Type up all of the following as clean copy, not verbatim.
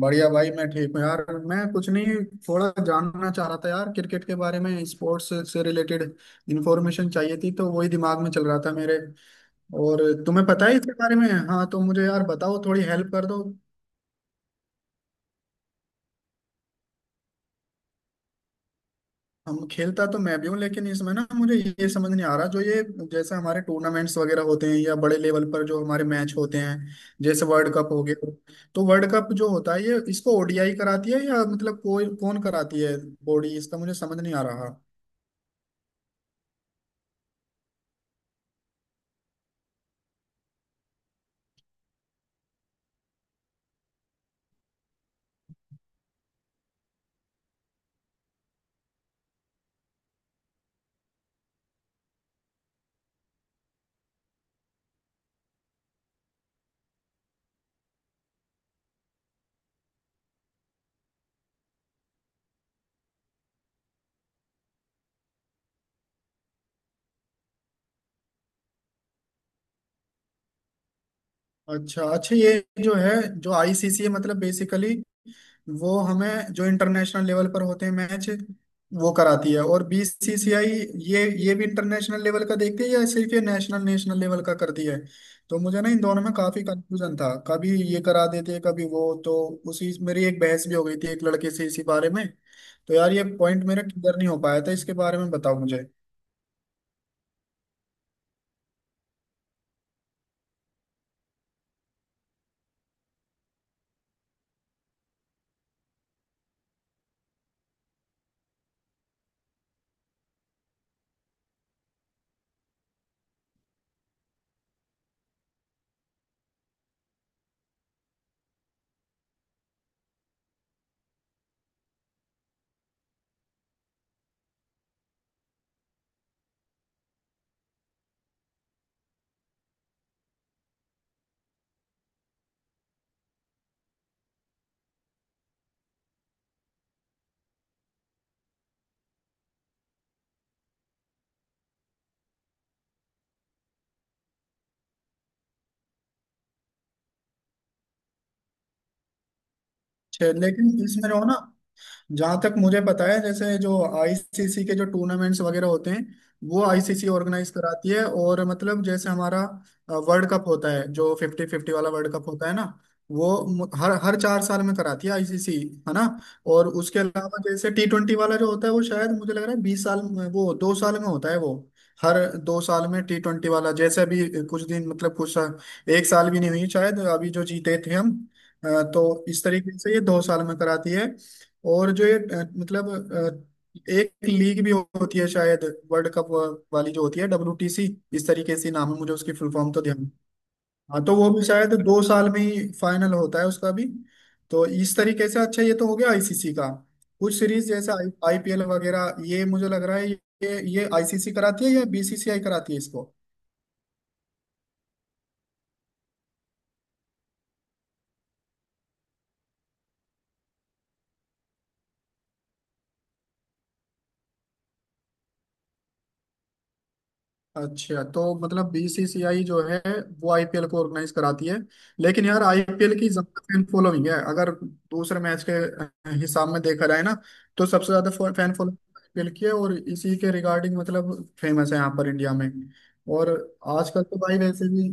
बढ़िया भाई मैं ठीक हूँ यार। मैं कुछ नहीं, थोड़ा जानना चाह रहा था यार क्रिकेट के बारे में। स्पोर्ट्स से रिलेटेड इंफॉर्मेशन चाहिए थी, तो वही दिमाग में चल रहा था मेरे। और तुम्हें पता है इसके बारे में। हाँ, तो मुझे यार बताओ, थोड़ी हेल्प कर दो। हम, खेलता तो मैं भी हूँ लेकिन इसमें ना मुझे ये समझ नहीं आ रहा जो ये जैसे हमारे टूर्नामेंट्स वगैरह होते हैं या बड़े लेवल पर जो हमारे मैच होते हैं। जैसे वर्ल्ड कप हो गया। तो वर्ल्ड कप जो होता है ये इसको ओडीआई कराती है या मतलब कोई कौन कराती है बॉडी, इसका मुझे समझ नहीं आ रहा। अच्छा अच्छा, ये जो है, जो आईसीसी मतलब बेसिकली वो हमें जो इंटरनेशनल लेवल पर होते हैं मैच वो कराती है, और बीसीसीआई ये भी इंटरनेशनल लेवल का देखती है या सिर्फ ये नेशनल नेशनल लेवल का करती है। तो मुझे ना इन दोनों में काफी कंफ्यूजन था, कभी ये करा देते हैं कभी वो, तो उसी मेरी एक बहस भी हो गई थी एक लड़के से इसी बारे में। तो यार ये पॉइंट मेरा क्लियर नहीं हो पाया था, इसके बारे में बताओ मुझे। लेकिन इसमें रहो ना, जहां तक मुझे पता है जैसे जो आईसीसी के जो टूर्नामेंट्स वगैरह होते हैं वो आईसीसी ऑर्गेनाइज कराती है। और मतलब जैसे हमारा वर्ल्ड कप होता है जो 50-50 वाला वर्ल्ड कप होता है ना, वो हर हर 4 साल में कराती है आईसीसी, है ना। और उसके अलावा जैसे T20 वाला जो होता है वो शायद मुझे लग रहा है वो 2 साल में होता है। वो हर 2 साल में T20 वाला, जैसे अभी कुछ दिन मतलब कुछ, एक साल भी नहीं हुई शायद अभी जो जीते थे हम। अ, तो इस तरीके से ये 2 साल में कराती है। और जो ये मतलब एक लीग भी होती है शायद वर्ल्ड कप वाली जो होती है, डब्ल्यूटीसी इस तरीके से नाम है, मुझे उसकी फुल फॉर्म तो ध्यान। हाँ, तो वो भी शायद 2 साल में ही फाइनल होता है उसका भी। तो इस तरीके से अच्छा, ये तो हो गया आईसीसी का। कुछ सीरीज जैसा आईपीएल वगैरह, ये मुझे लग रहा है ये आईसीसी कराती है या बीसीसीआई कराती है इसको। अच्छा, तो मतलब बीसीसीआई जो है वो आईपीएल को ऑर्गेनाइज कराती है। लेकिन यार आईपीएल की ज्यादा फैन फॉलोइंग है अगर दूसरे मैच के हिसाब में देखा जाए ना। तो सबसे ज्यादा फैन फॉलोइंग आईपीएल की है, और इसी के रिगार्डिंग मतलब फेमस है यहाँ पर इंडिया में। और आजकल तो भाई वैसे भी,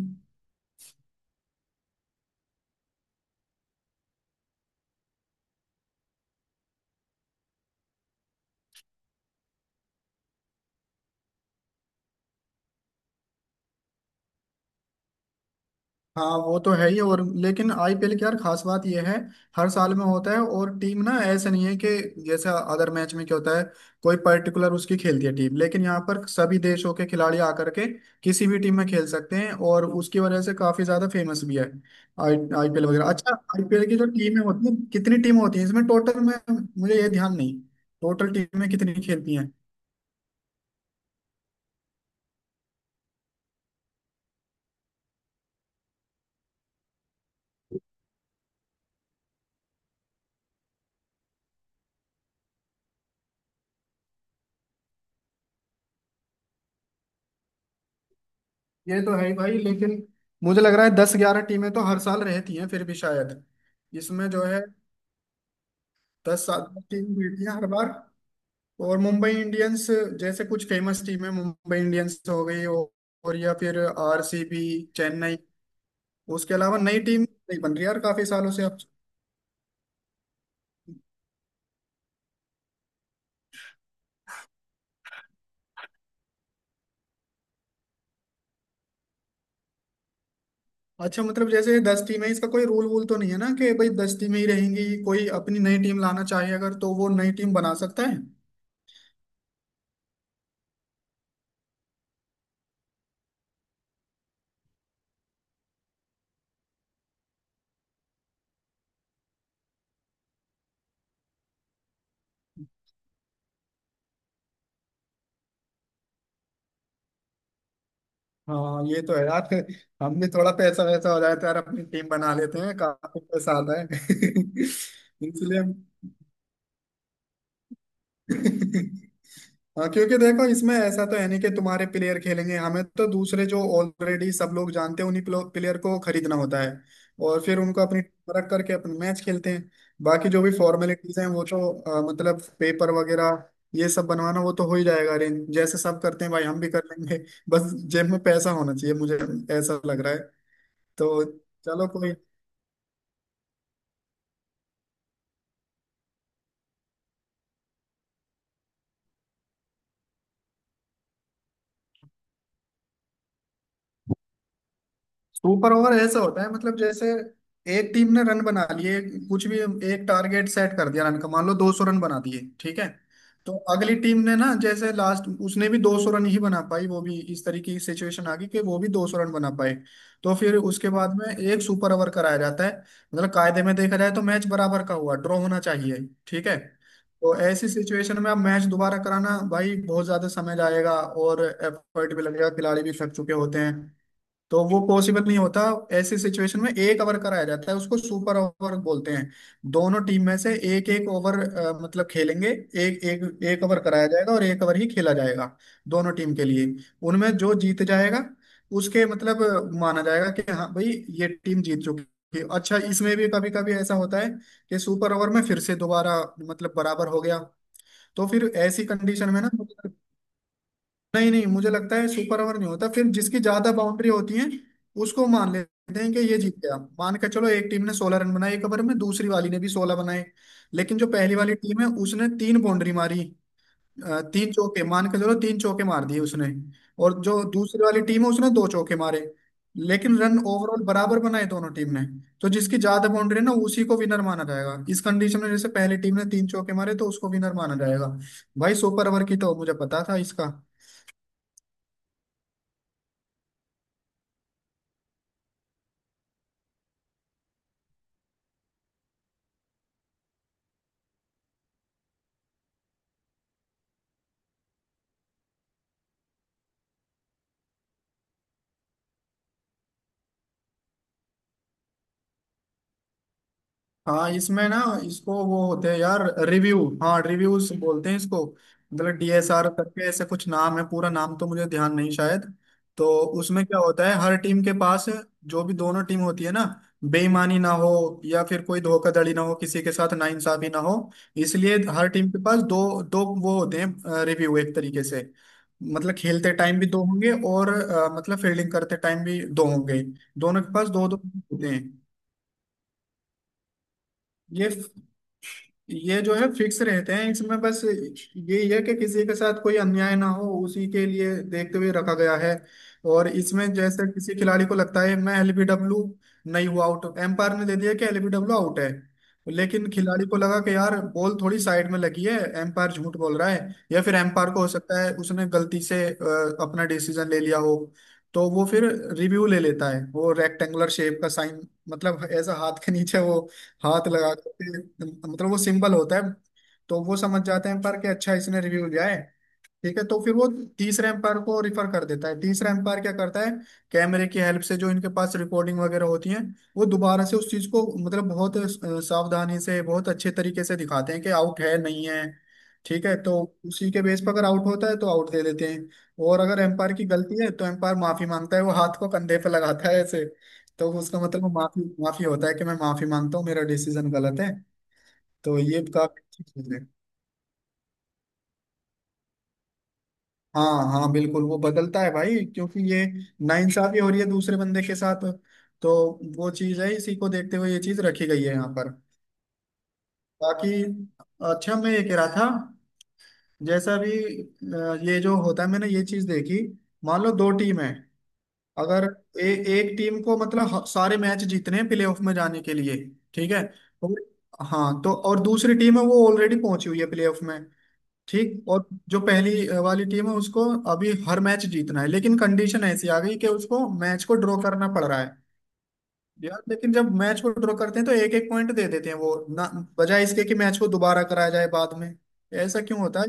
हाँ वो तो है ही। और लेकिन आईपीएल की यार खास बात यह है हर साल में होता है। और टीम ना ऐसे नहीं है कि जैसे अदर मैच में क्या होता है कोई पर्टिकुलर उसकी खेलती है टीम, लेकिन यहाँ पर सभी देशों के खिलाड़ी आकर के किसी भी टीम में खेल सकते हैं और उसकी वजह से काफी ज्यादा फेमस भी है आई आईपीएल वगैरह। अच्छा, आईपीएल की जो टीमें होती हैं कितनी टीम होती हैं इसमें टोटल में, मुझे ये ध्यान नहीं टोटल टीमें कितनी खेलती हैं। ये तो है ही भाई, लेकिन मुझे लग रहा है 10-11 टीमें तो हर साल रहती हैं फिर भी शायद। इसमें जो है 10 साल में टीम जीती है हर बार। और मुंबई इंडियंस जैसे कुछ फेमस टीम है, मुंबई इंडियंस हो गई और या फिर आरसीबी, चेन्नई। उसके अलावा नई टीम नहीं बन रही यार काफी सालों से अब। अच्छा मतलब जैसे 10 टीम है, इसका कोई रूल वूल तो नहीं है ना कि भाई 10 टीमें ही रहेंगी, कोई अपनी नई टीम लाना चाहे अगर तो वो नई टीम बना सकता है। हाँ ये तो है यार, हम भी थोड़ा पैसा वैसा हो जाता है यार अपनी टीम बना लेते हैं, काफी पैसा आता है। इसलिए हम- हाँ क्योंकि देखो इसमें ऐसा तो है नहीं कि तुम्हारे प्लेयर खेलेंगे, हमें तो दूसरे जो ऑलरेडी सब लोग जानते हैं उन्हीं प्लेयर को खरीदना होता है और फिर उनको अपनी टीम रख करके अपने मैच खेलते हैं। बाकी जो भी फॉर्मेलिटीज हैं वो तो मतलब पेपर वगैरह ये सब बनवाना, वो तो हो ही जाएगा अरेंज, जैसे सब करते हैं भाई हम भी कर लेंगे। बस जेब में पैसा होना चाहिए, मुझे ऐसा लग रहा है। तो चलो कोई। सुपर ओवर ऐसा होता है मतलब जैसे एक टीम ने रन बना लिए कुछ भी, एक टारगेट सेट कर दिया रन का, मान लो 200 रन बना दिए, ठीक है। तो अगली टीम ने ना जैसे लास्ट उसने भी 200 रन ही बना पाई, वो भी इस तरीके की सिचुएशन आ गई कि वो भी 200 रन बना पाए। तो फिर उसके बाद में एक सुपर ओवर कराया जाता है। मतलब कायदे में देखा जाए तो मैच बराबर का हुआ, ड्रॉ होना चाहिए, ठीक है। तो ऐसी सिचुएशन में अब मैच दोबारा कराना भाई बहुत ज्यादा समय जाएगा और एफर्ट भी लगेगा, खिलाड़ी भी थक चुके होते हैं, तो वो पॉसिबल नहीं होता। ऐसी सिचुएशन में एक ओवर कराया जाता है, उसको सुपर ओवर बोलते हैं। दोनों टीम में से एक एक ओवर मतलब खेलेंगे, एक एक एक ओवर कराया जाएगा और एक ओवर ही खेला जाएगा दोनों टीम के लिए। उनमें जो जीत जाएगा उसके मतलब माना जाएगा कि हाँ भाई ये टीम जीत चुकी है। अच्छा इसमें भी कभी कभी ऐसा होता है कि सुपर ओवर में फिर से दोबारा मतलब बराबर हो गया, तो फिर ऐसी कंडीशन में ना, नहीं नहीं, मुझे लगता है सुपर ओवर नहीं होता फिर, जिसकी ज्यादा बाउंड्री होती है उसको मान लेते हैं कि ये जीत गया। मान के चलो एक टीम ने 16 रन बनाए एक ओवर में, दूसरी वाली ने भी 16 बनाए, लेकिन जो पहली वाली टीम है उसने 3 बाउंड्री मारी, 3 चौके मान के चलो 3 चौके मार दिए उसने। और जो दूसरी वाली टीम है उसने 2 चौके मारे, लेकिन रन ओवरऑल बराबर बनाए दोनों टीम ने। तो जिसकी ज्यादा बाउंड्री है ना उसी को विनर माना जाएगा इस कंडीशन में, जैसे पहली टीम ने 3 चौके मारे तो उसको विनर माना जाएगा। भाई सुपर ओवर की तो मुझे पता था इसका। हाँ, इसमें ना इसको वो होते हैं यार, रिव्यू, हाँ, रिव्यूज बोलते हैं इसको। मतलब डीएसआर करके ऐसे कुछ नाम है, पूरा नाम तो मुझे ध्यान नहीं शायद। तो उसमें क्या होता है, हर टीम के पास, जो भी दोनों टीम होती है ना, बेईमानी ना हो या फिर कोई धोखाधड़ी ना हो किसी के साथ, नाइंसाफी ना हो, इसलिए हर टीम के पास दो दो वो होते हैं रिव्यू एक तरीके से। मतलब खेलते टाइम भी दो होंगे और मतलब फील्डिंग करते टाइम भी दो होंगे, दोनों के पास दो दो होते हैं। ये ये जो है फिक्स रहते हैं, इसमें बस यही है कि किसी के साथ कोई अन्याय ना हो, उसी के लिए देखते हुए रखा गया है। और इसमें जैसे किसी खिलाड़ी को लगता है मैं एलबीडब्ल्यू नहीं हुआ आउट, एम्पायर ने दे दिया कि एलबीडब्ल्यू आउट है, लेकिन खिलाड़ी को लगा कि यार बॉल थोड़ी साइड में लगी है एम्पायर झूठ बोल रहा है, या फिर एम्पायर को हो सकता है उसने गलती से अपना डिसीजन ले लिया हो। तो वो फिर रिव्यू ले लेता है, वो रेक्टेंगुलर शेप का साइन मतलब ऐसा हाथ के नीचे वो हाथ लगा करके, मतलब वो सिंबल होता है। तो वो समझ जाते हैं पर कि अच्छा इसने रिव्यू दिया है, ठीक है। तो फिर वो तीस एम्पायर को रिफर कर देता है। तीसरा एम्पायर क्या करता है, कैमरे की हेल्प से जो इनके पास रिकॉर्डिंग वगैरह होती है वो दोबारा से उस चीज को मतलब बहुत सावधानी से बहुत अच्छे तरीके से दिखाते हैं कि आउट है नहीं है, ठीक है। तो उसी के बेस पर अगर आउट होता है तो आउट दे देते हैं, और अगर एम्पायर की गलती है तो एम्पायर माफी मांगता है, वो हाथ को कंधे पे लगाता है ऐसे। तो उसका मतलब वो माफी माफी होता है कि मैं माफी मांगता हूँ मेरा डिसीजन गलत है। तो ये काफी अच्छी चीज है। हाँ हाँ बिल्कुल, वो बदलता है भाई क्योंकि ये नाइंसाफी हो रही है दूसरे बंदे के साथ, तो वो चीज है, इसी को देखते हुए ये चीज रखी गई है यहाँ पर। बाकी अच्छा, मैं ये कह रहा था जैसा भी ये जो होता है मैंने ये चीज देखी। मान लो दो टीम है, अगर एक टीम को मतलब सारे मैच जीतने हैं प्लेऑफ में जाने के लिए, ठीक है। और, हाँ, तो और दूसरी टीम है वो ऑलरेडी पहुंची हुई है प्लेऑफ में, ठीक। और जो पहली वाली टीम है उसको अभी हर मैच जीतना है, लेकिन कंडीशन ऐसी आ गई कि उसको मैच को ड्रॉ करना पड़ रहा है। यार लेकिन जब मैच को ड्रॉ करते हैं तो एक एक पॉइंट दे देते हैं वो ना, बजाय इसके कि मैच को दोबारा कराया जाए बाद में। ऐसा क्यों होता है।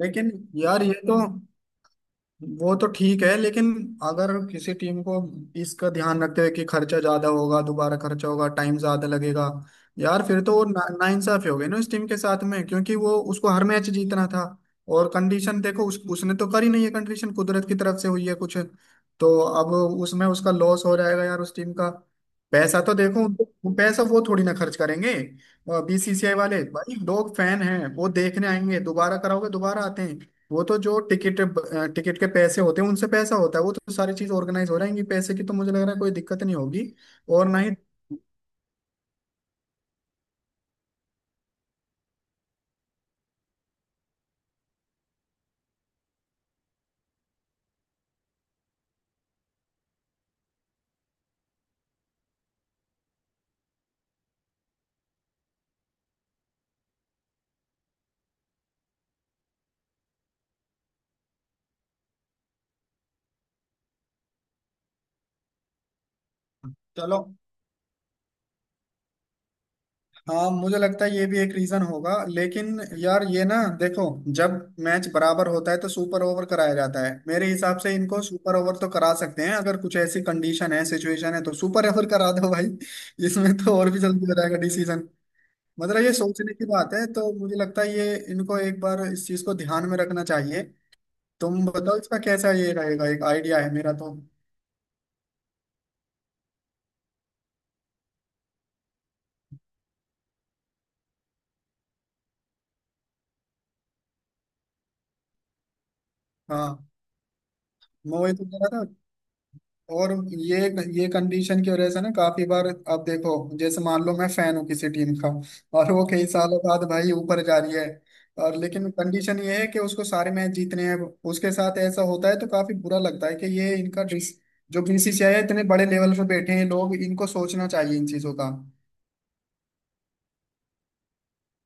लेकिन यार ये तो, वो तो ठीक है, लेकिन अगर किसी टीम को इसका ध्यान रखते हुए कि खर्चा ज्यादा होगा दोबारा खर्चा होगा टाइम ज्यादा लगेगा, यार फिर तो वो नाइंसाफी हो गई ना इस टीम के साथ में, क्योंकि वो उसको हर मैच जीतना था। और कंडीशन देखो उसने तो करी नहीं है, कंडीशन कुदरत की तरफ से हुई है कुछ, तो अब उसमें उसका लॉस हो जाएगा यार उस टीम का। पैसा तो देखो उनको, पैसा वो थोड़ी ना खर्च करेंगे बीसीसीआई वाले, भाई लोग फैन हैं वो देखने आएंगे, दोबारा कराओगे दोबारा आते हैं। वो तो जो टिकट टिकट के पैसे होते हैं उनसे पैसा होता है, वो तो सारी चीज ऑर्गेनाइज हो रहेंगी, पैसे की तो मुझे लग रहा है कोई दिक्कत नहीं होगी। और ना ही, चलो। हाँ मुझे लगता है ये भी एक रीजन होगा, लेकिन यार ये ना देखो, जब मैच बराबर होता है तो सुपर ओवर कराया जाता है, मेरे हिसाब से इनको सुपर ओवर तो करा सकते हैं, अगर कुछ ऐसी कंडीशन है सिचुएशन है तो सुपर ओवर करा दो भाई। इसमें तो और भी जल्दी हो जाएगा डिसीजन। मतलब ये सोचने की बात है, तो मुझे लगता है ये इनको एक बार इस चीज को ध्यान में रखना चाहिए। तुम बताओ इसका कैसा ये रहेगा, एक आइडिया है मेरा तो। हाँ, मैं वही तो कह रहा था। और ये कंडीशन की वजह से ना काफी बार, अब देखो जैसे मान लो मैं फैन हूँ किसी टीम का और वो कई सालों बाद भाई ऊपर जा रही है। और लेकिन कंडीशन ये है कि उसको सारे मैच जीतने हैं, उसके साथ ऐसा होता है तो काफी बुरा लगता है कि ये इनका जो बीसीसीआई है इतने बड़े लेवल पे बैठे हैं लोग, इनको सोचना चाहिए इन चीजों का।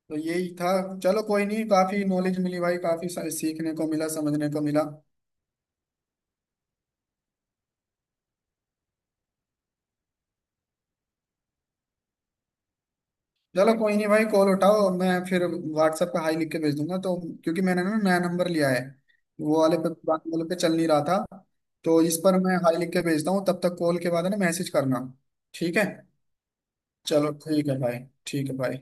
तो यही था। चलो कोई नहीं, काफी नॉलेज मिली भाई, काफी सीखने को मिला समझने को मिला। चलो कोई नहीं भाई, कॉल उठाओ, मैं फिर व्हाट्सएप पे हाई लिख के भेज दूंगा तो, क्योंकि मैंने ना नया नंबर लिया है, वो वाले पे पुराने वाले पे चल नहीं रहा था। तो इस पर मैं हाई लिख के भेजता हूँ, तब तक कॉल के बाद है ना मैसेज करना। ठीक है। चलो ठीक है भाई। ठीक है भाई।